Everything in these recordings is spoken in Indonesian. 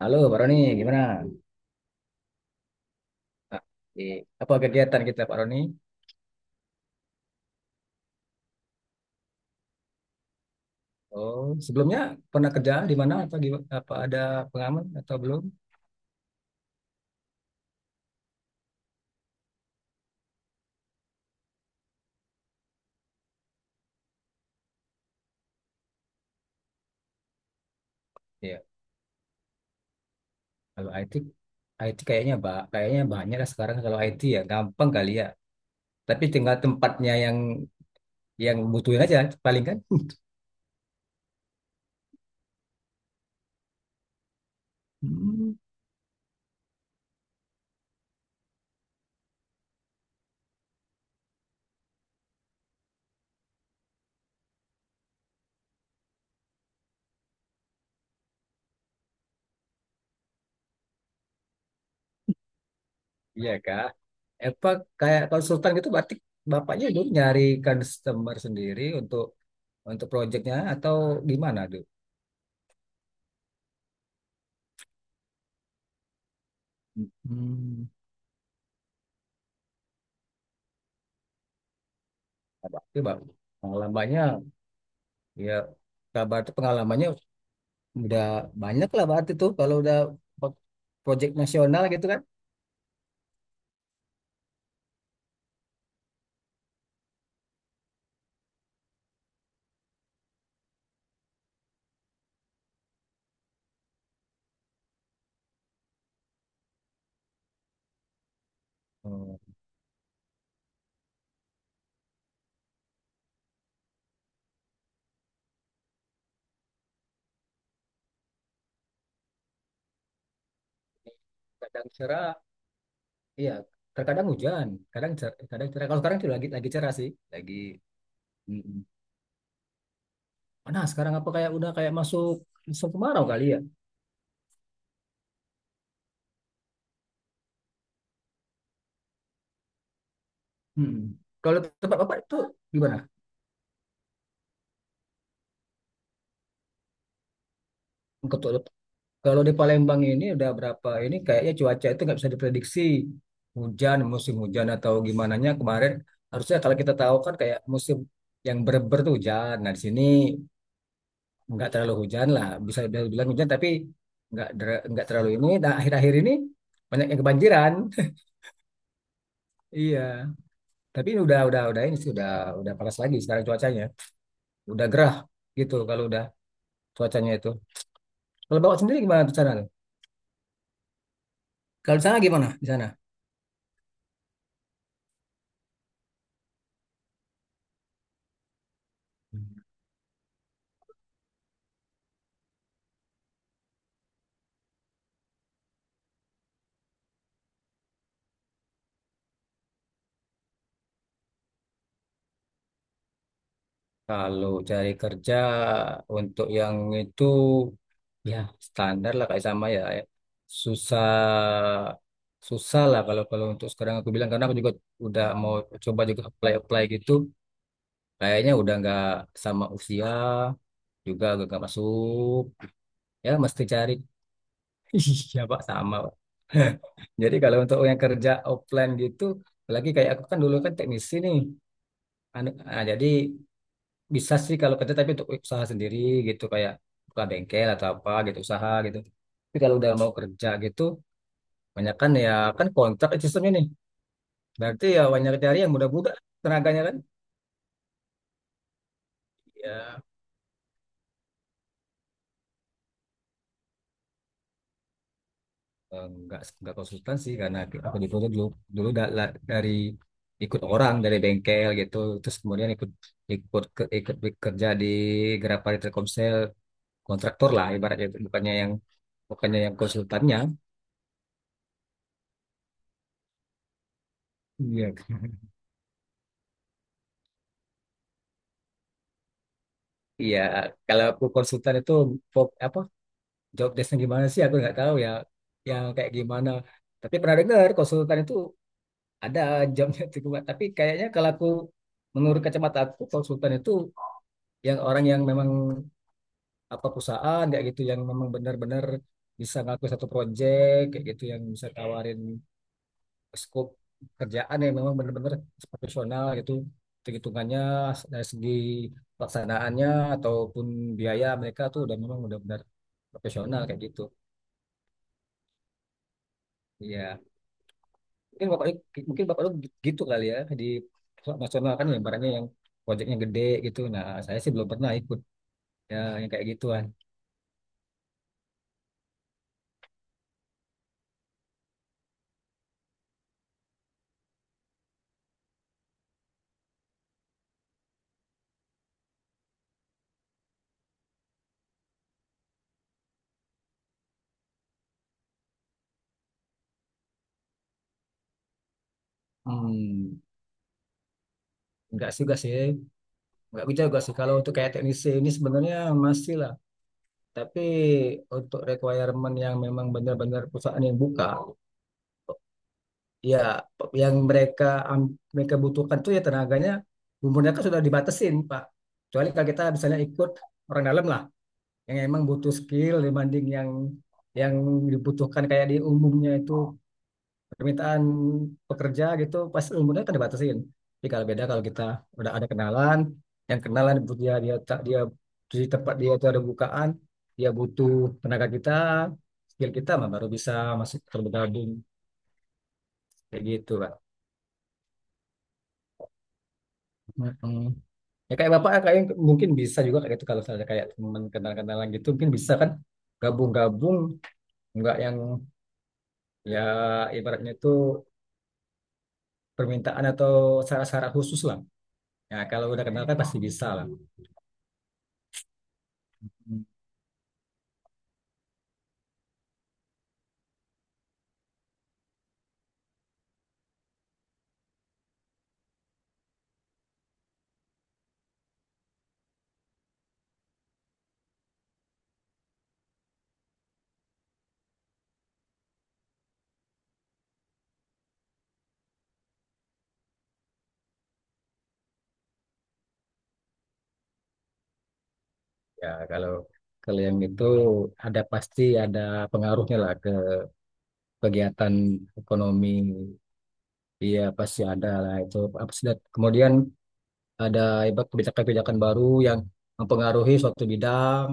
Halo, Pak Roni, gimana? Nah, di apa kegiatan kita, Pak Roni? Oh, sebelumnya pernah kerja di mana atau di apa ada pengalaman atau belum? Iya. Kalau IT kayaknya banyak lah sekarang kalau IT ya gampang kali ya. Tapi tinggal tempatnya yang butuhin aja paling kan. Hmm, iya Kak. Apa kayak konsultan gitu berarti bapaknya dulu nyari customer sendiri untuk proyeknya atau gimana tuh? Hmm. Berarti, Bang, pengalamannya. Ya, Kak Bart tuh pengalamannya udah banyak lah, Bart itu kalau udah pro- project nasional gitu kan. Hmm. Kadang cerah, iya, terkadang hujan, kadang cerah. Kalau sekarang tuh lagi cerah sih, lagi mm nah, sekarang apa kayak udah kayak masuk musim kemarau kali ya? Mm-mm. Kalau tempat Bapak itu gimana? Kalau di Palembang ini udah berapa ini kayaknya cuaca itu nggak bisa diprediksi, hujan musim hujan atau gimana nya, kemarin harusnya kalau kita tahu kan kayak musim yang berber tuh hujan. Nah di sini nggak terlalu hujan lah, bisa dibilang hujan tapi nggak terlalu ini. Nah, akhir-akhir ini banyak yang kebanjiran. Iya. Tapi ini udah ini sih udah panas lagi sekarang cuacanya. Udah gerah gitu kalau udah cuacanya itu. Kalau bawa sendiri gimana di sana tuh? Kalau di sana gimana di sana? Kalau cari kerja untuk yang itu ya standar lah, kayak sama ya, susah susah lah kalau kalau untuk sekarang aku bilang, karena aku juga udah mau coba juga apply apply gitu, kayaknya udah nggak, sama usia juga agak nggak masuk, ya mesti cari. Iya, Pak, sama, Pak. Jadi kalau untuk yang kerja offline gitu, apalagi kayak aku kan dulu kan teknisi nih, jadi bisa sih kalau kerja tapi untuk usaha sendiri gitu, kayak buka bengkel atau apa gitu usaha gitu. Tapi kalau udah mau kerja gitu, banyak kan ya, kan kontrak sistemnya nih. Berarti ya banyak cari yang muda-muda, tenaganya kan. Ya, nggak konsultan sih, karena aku dulu dulu dulu dari ikut orang dari bengkel gitu, terus kemudian ikut ikut ke, ikut kerja di Grapari Telkomsel, kontraktor lah ibaratnya itu, bukannya yang konsultannya. Iya. Iya, kalau aku konsultan itu apa job desknya gimana sih? Aku nggak tahu ya, yang kayak gimana. Tapi pernah dengar konsultan itu ada jobnya itu. Tapi kayaknya kalau aku, menurut kacamata aku, konsultan itu yang orang yang memang apa perusahaan kayak gitu, yang memang benar-benar bisa ngaku satu proyek kayak gitu, yang bisa tawarin skop kerjaan yang memang benar-benar profesional gitu, hitung-hitungannya dari segi pelaksanaannya ataupun biaya, mereka tuh udah memang udah benar profesional kayak gitu. Iya, mungkin bapak mungkin Bapak lu gitu kali ya, di perusahaan nasional kan, yang barangnya yang proyeknya gede gitu, nah saya sih belum pernah ikut ya yang kayak gituan. Hmm, enggak sih, enggak sih, enggak bisa juga sih kalau untuk kayak teknisi ini sebenarnya masih lah, tapi untuk requirement yang memang benar-benar perusahaan yang buka, ya, yang mereka mereka butuhkan tuh ya tenaganya, umurnya kan sudah dibatasin, Pak. Kecuali kalau kita misalnya ikut orang dalam lah, yang emang butuh skill dibanding yang dibutuhkan kayak di umumnya itu permintaan pekerja gitu, pas umurnya kan dibatasin. Tapi kalau beda kalau kita udah ada kenalan, yang kenalan butuh, dia dia ta- dia di tempat dia itu ada bukaan, dia butuh tenaga kita, skill kita mah baru bisa masuk tergabung kayak gitu, Pak. Ya kayak Bapak, kayak mungkin bisa juga kayak itu kalau misalnya kayak teman kenal-kenalan gitu mungkin bisa kan gabung-gabung, nggak yang ya ibaratnya itu permintaan atau syarat-syarat khusus lah. Ya kalau udah kenal kan pasti bisa lah. Hmm. Ya kalau kalau yang itu ada, pasti ada pengaruhnya lah ke kegiatan ekonomi. Iya pasti ada lah itu. Apa sih, dan kemudian ada ibarat kebijakan-kebijakan baru yang mempengaruhi suatu bidang.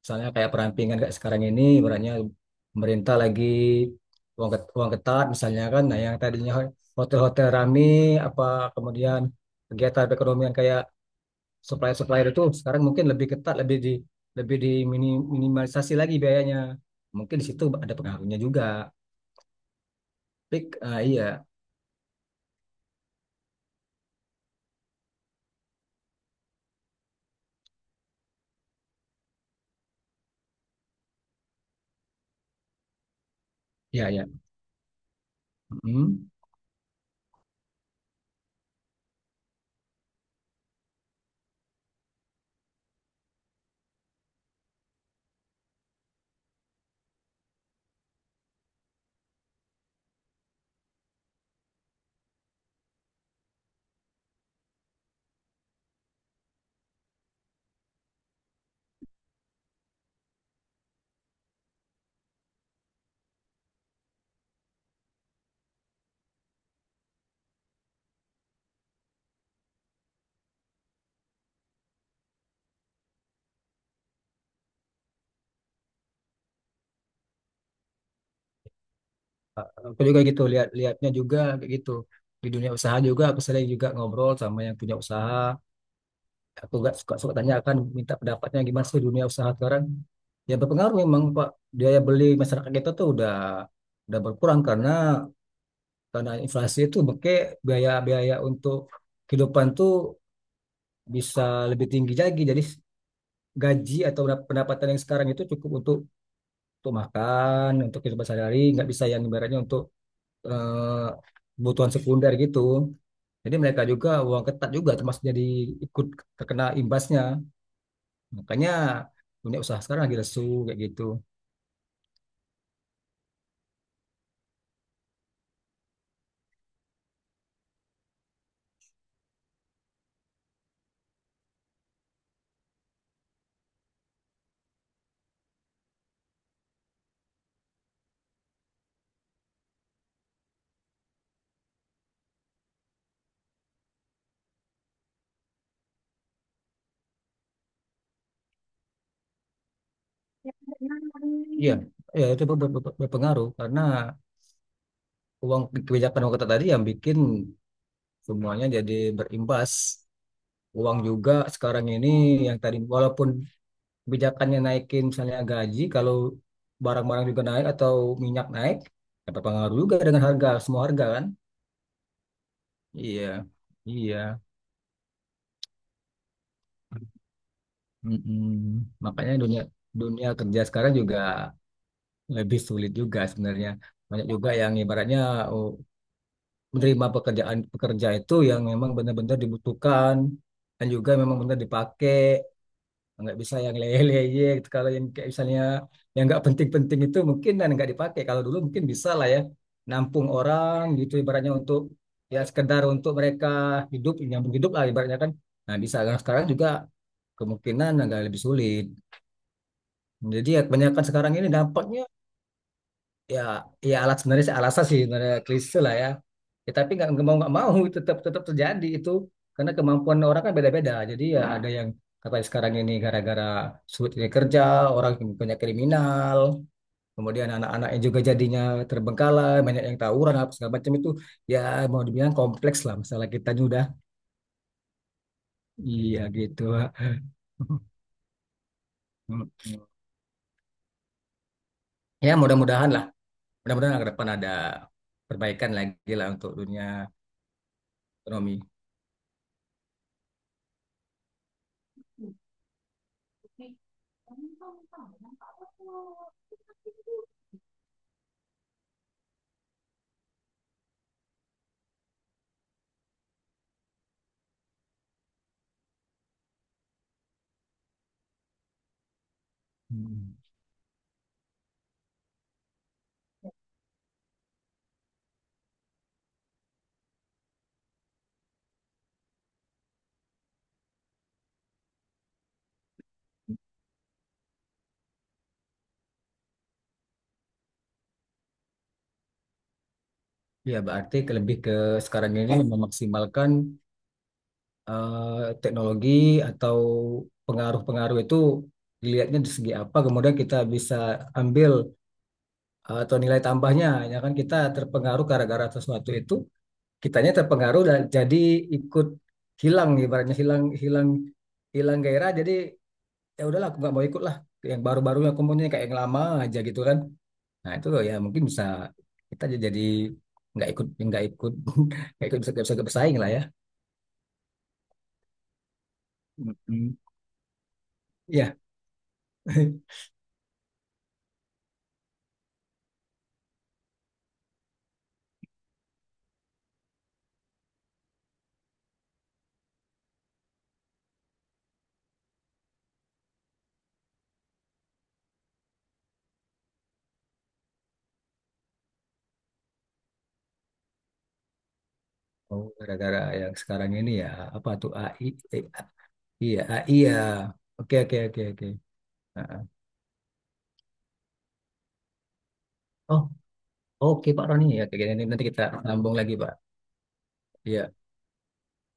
Misalnya kayak perampingan kayak sekarang ini, ibaratnya pemerintah lagi uang ketat misalnya kan, nah yang tadinya hotel-hotel rame, apa, kemudian kegiatan perekonomian kayak supplier-supplier itu sekarang mungkin lebih ketat, lebih diminimalisasi lagi biayanya. Mungkin di situ ada pengaruhnya juga. Tapi, iya, iya, iya. Mm. Aku juga gitu, lihat lihatnya juga kayak gitu, di dunia usaha juga aku sering juga ngobrol sama yang punya usaha. Aku gak suka suka tanya, akan minta pendapatnya gimana sih dunia usaha sekarang. Ya, berpengaruh memang, Pak. Biaya beli masyarakat kita tuh udah berkurang karena inflasi itu, maka biaya-biaya untuk kehidupan tuh bisa lebih tinggi lagi. Jadi gaji atau pendapatan yang sekarang itu cukup untuk makan, untuk kehidupan sehari-hari, nggak bisa yang ibaratnya untuk eh, kebutuhan sekunder gitu. Jadi mereka juga uang ketat juga termasuk, jadi ikut terkena imbasnya. Makanya dunia usaha sekarang lagi lesu kayak gitu. Iya, ya itu berpengaruh karena uang, kebijakan uang ketat tadi yang bikin semuanya jadi berimbas. Uang juga sekarang ini yang tadi, walaupun kebijakannya naikin misalnya gaji, kalau barang-barang juga naik atau minyak naik, ya berpengaruh juga dengan harga, semua harga kan. Iya, iya. Mm-mm. Makanya dunia dunia kerja sekarang juga lebih sulit juga sebenarnya. Banyak juga yang ibaratnya, oh, menerima pekerjaan pekerja itu yang memang benar-benar dibutuhkan dan juga memang benar dipakai. Nggak bisa yang leye-leye gitu. Kalau yang kayak misalnya yang nggak penting-penting itu mungkin dan nggak dipakai. Kalau dulu mungkin bisa lah ya, nampung orang gitu ibaratnya untuk ya sekedar untuk mereka hidup, nyambung hidup lah ibaratnya kan. Nah bisa. Kalau sekarang juga kemungkinan agak lebih sulit. Jadi ya kebanyakan sekarang ini dampaknya ya ya alat sebenarnya sih, alasan sih sebenarnya klise lah ya, ya tapi nggak mau nggak mau tetap tetap terjadi itu, karena kemampuan orang kan beda-beda, jadi ya ada yang kata sekarang ini gara-gara sulit ini kerja orang banyak kriminal, kemudian anak-anaknya juga jadinya terbengkalai, banyak yang tawuran apa segala macam itu, ya mau dibilang kompleks lah masalah kita ini udah, iya gitu. Ya, mudah-mudahan ke depan ada perbaikan lagi lah untuk dunia ekonomi. Hmm. Ya, berarti lebih ke sekarang ini memaksimalkan eh, teknologi, atau pengaruh-pengaruh itu dilihatnya dari segi apa, kemudian kita bisa ambil atau nilai tambahnya. Ya kan kita terpengaruh gara-gara sesuatu itu, kitanya terpengaruh dan jadi ikut hilang, ibaratnya hilang hilang hilang gairah. Jadi ya udahlah, aku nggak mau ikut lah. Yang baru-baru yang kemudian kayak yang lama aja gitu kan. Nah itu ya mungkin bisa kita aja, jadi nggak ikut nggak ikut bisa, nggak bisa bersaing lah ya. Mm-mm. Iya. Oh, gara-gara yang sekarang ini ya, apa tuh AI, eh, AI ya, AI ya. Oke, oke, oke, oke. Nah, oh oke Pak Roni, ya kayak gini nanti kita sambung lagi, Pak. Iya.